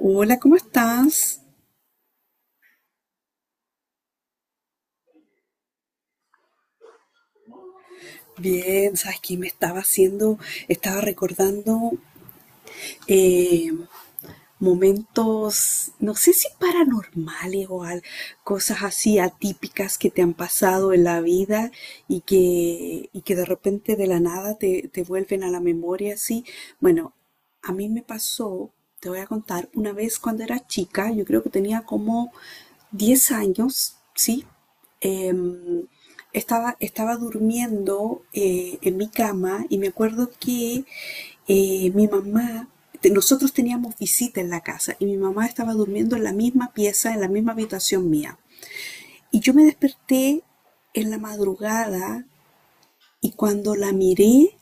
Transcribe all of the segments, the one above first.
Hola, ¿cómo estás? Bien, sabes que me estaba haciendo, estaba recordando, eh, momentos, no sé si paranormales cosas así atípicas que te han pasado en la vida y que de repente de la nada te vuelven a la memoria así. Bueno, a mí me pasó, te voy a contar, una vez cuando era chica, yo creo que tenía como 10 años, ¿sí? Em, estaba durmiendo, en mi cama y me acuerdo que, mi mamá, nosotros teníamos visita en la casa y mi mamá estaba durmiendo en la misma pieza, en la misma habitación mía. Y yo me desperté en la madrugada y cuando la miré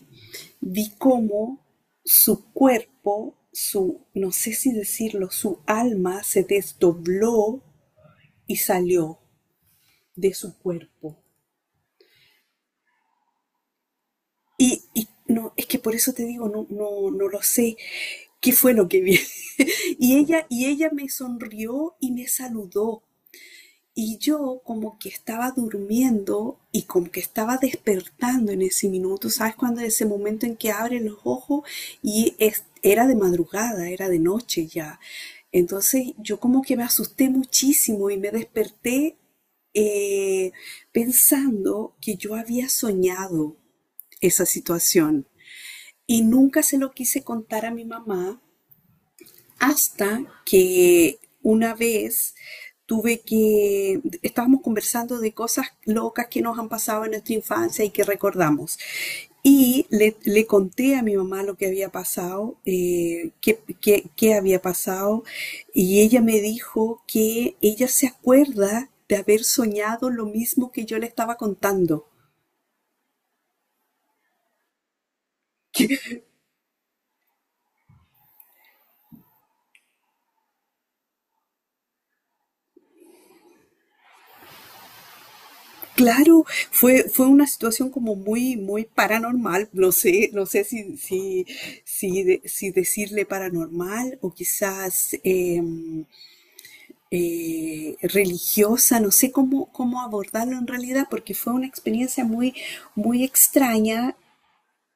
vi cómo su cuerpo, su, no sé si decirlo, su alma se desdobló y salió de su cuerpo. Y no, es que por eso te digo, no, no, no lo sé qué fue lo que vi. Y ella me sonrió y me saludó. Y yo como que estaba durmiendo y como que estaba despertando en ese minuto, ¿sabes? Cuando ese momento en que abre los ojos, era de madrugada, era de noche ya. Entonces yo como que me asusté muchísimo y me desperté, eh, pensando que yo había soñado esa situación. Y nunca se lo quise contar a mi mamá hasta que una vez tuve que, estábamos conversando de cosas locas que nos han pasado en nuestra infancia y que recordamos. Y le conté a mi mamá lo que había pasado, qué había pasado, y ella me dijo que ella se acuerda de haber soñado lo mismo que yo le estaba contando. Claro, fue una situación como muy, muy paranormal. No sé, no sé si decirle paranormal o quizás, religiosa. No sé cómo, cómo abordarlo en realidad, porque fue una experiencia muy, muy extraña.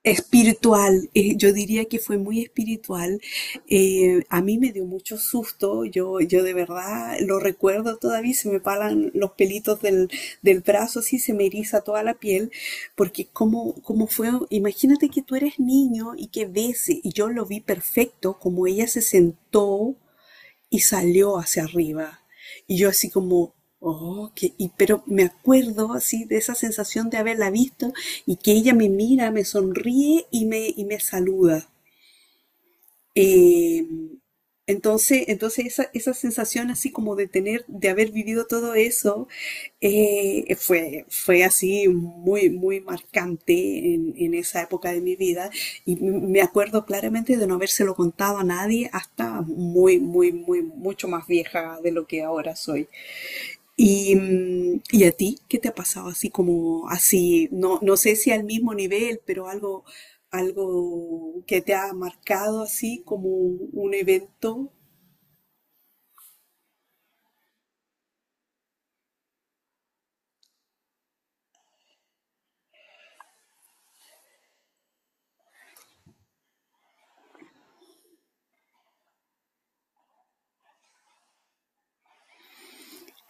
Espiritual, yo diría que fue muy espiritual. A mí me dio mucho susto. Yo de verdad lo recuerdo todavía, se me paran los pelitos del, brazo, así se me eriza toda la piel, porque como fue, imagínate que tú eres niño y que ves, y yo lo vi perfecto, como ella se sentó y salió hacia arriba. Y yo así como, oh, que, y, pero me acuerdo así de esa sensación de haberla visto y que ella me mira, me sonríe y me saluda. Eh, entonces esa sensación así como de tener, de haber vivido todo eso, fue así muy, muy marcante en esa época de mi vida. Y me acuerdo claramente de no habérselo contado a nadie hasta muy, muy, muy, mucho más vieja de lo que ahora soy. Y, ¿y a ti qué te ha pasado así como así? No, no sé si al mismo nivel, pero algo, que te ha marcado así como un evento.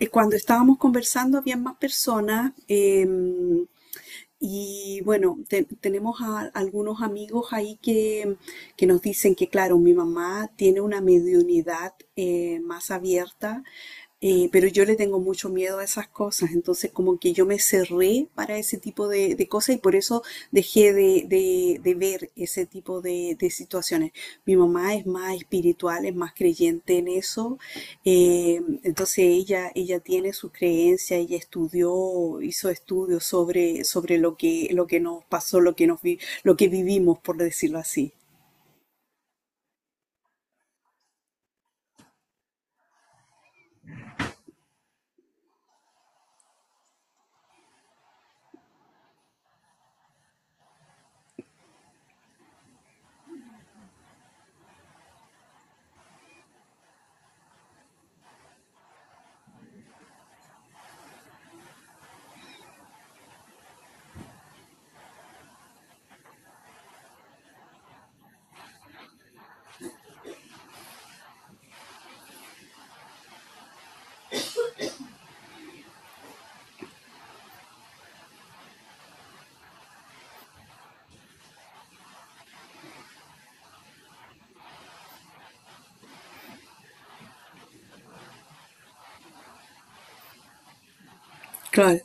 Cuando estábamos conversando había más personas. Y bueno, tenemos algunos amigos ahí que nos dicen que, claro, mi mamá tiene una mediunidad, más abierta. Pero yo le tengo mucho miedo a esas cosas, entonces como que yo me cerré para ese tipo de, cosas y por eso dejé de ver ese tipo de situaciones. Mi mamá es más espiritual, es más creyente en eso. Entonces ella tiene sus creencias, ella estudió, hizo estudios sobre, lo que nos pasó, lo que vivimos, por decirlo así. Claro.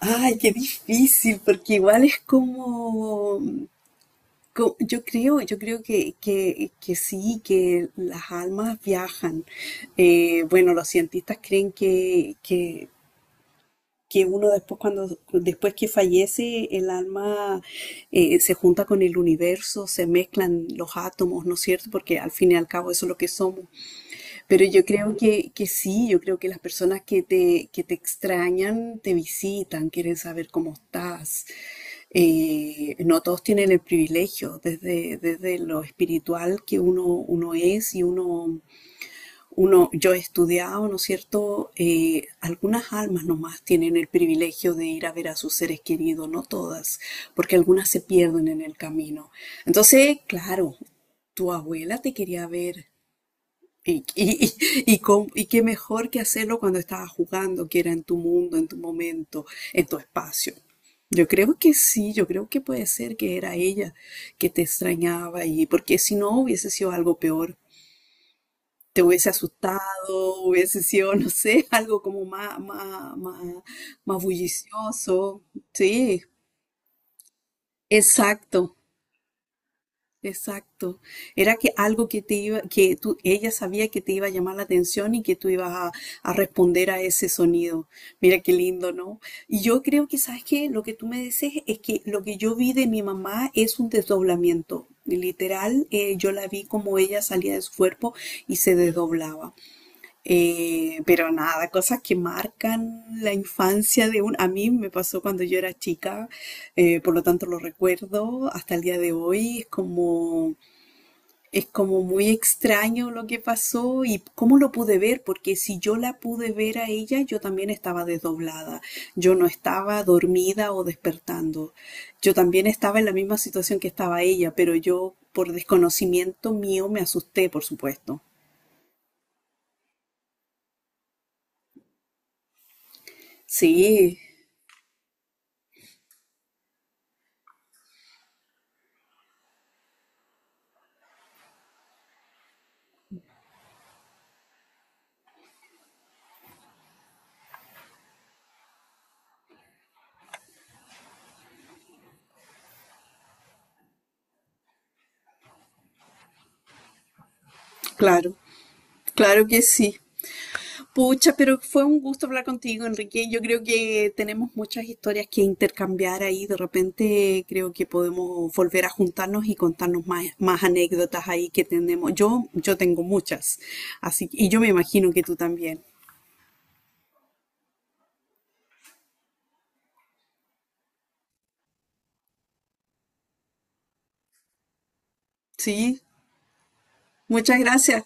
Ay, qué difícil, porque igual es como, yo creo que sí, que las almas viajan. Bueno, los cientistas creen que uno después cuando después que fallece el alma, se junta con el universo, se mezclan los átomos, ¿no es cierto? Porque al fin y al cabo eso es lo que somos. Pero yo creo que sí, yo creo que las personas que te extrañan te visitan, quieren saber cómo estás. No todos tienen el privilegio desde lo espiritual que uno es y yo he estudiado, ¿no es cierto? Algunas almas nomás tienen el privilegio de ir a ver a sus seres queridos, no todas, porque algunas se pierden en el camino. Entonces, claro, tu abuela te quería ver. Y, y, y qué mejor que hacerlo cuando estabas jugando, que era en tu mundo, en tu momento, en tu espacio. Yo creo que sí, yo creo que puede ser que era ella que te extrañaba y porque si no hubiese sido algo peor te hubiese asustado, hubiese sido, no sé, algo como más, más, más, más bullicioso. Sí, exacto, exacto. Era que algo que te iba, que tú, ella sabía que te iba a llamar la atención y que tú ibas a, responder a ese sonido. Mira qué lindo, ¿no? Y yo creo que, ¿sabes qué? Lo que tú me dices es que lo que yo vi de mi mamá es un desdoblamiento. Literal, yo la vi como ella salía de su cuerpo y se desdoblaba. Pero nada, cosas que marcan la infancia de un... A mí me pasó cuando yo era chica, por lo tanto lo recuerdo hasta el día de hoy. Es como muy extraño lo que pasó y cómo lo pude ver, porque si yo la pude ver a ella, yo también estaba desdoblada. Yo no estaba dormida o despertando. Yo también estaba en la misma situación que estaba ella, pero yo por desconocimiento mío me asusté, por supuesto. Sí, claro. Claro que sí. Pucha, pero fue un gusto hablar contigo, Enrique. Yo creo que tenemos muchas historias que intercambiar ahí. De repente creo que podemos volver a juntarnos y contarnos más, más anécdotas ahí que tenemos. Yo tengo muchas. Así, y yo me imagino que tú también. Sí, muchas gracias.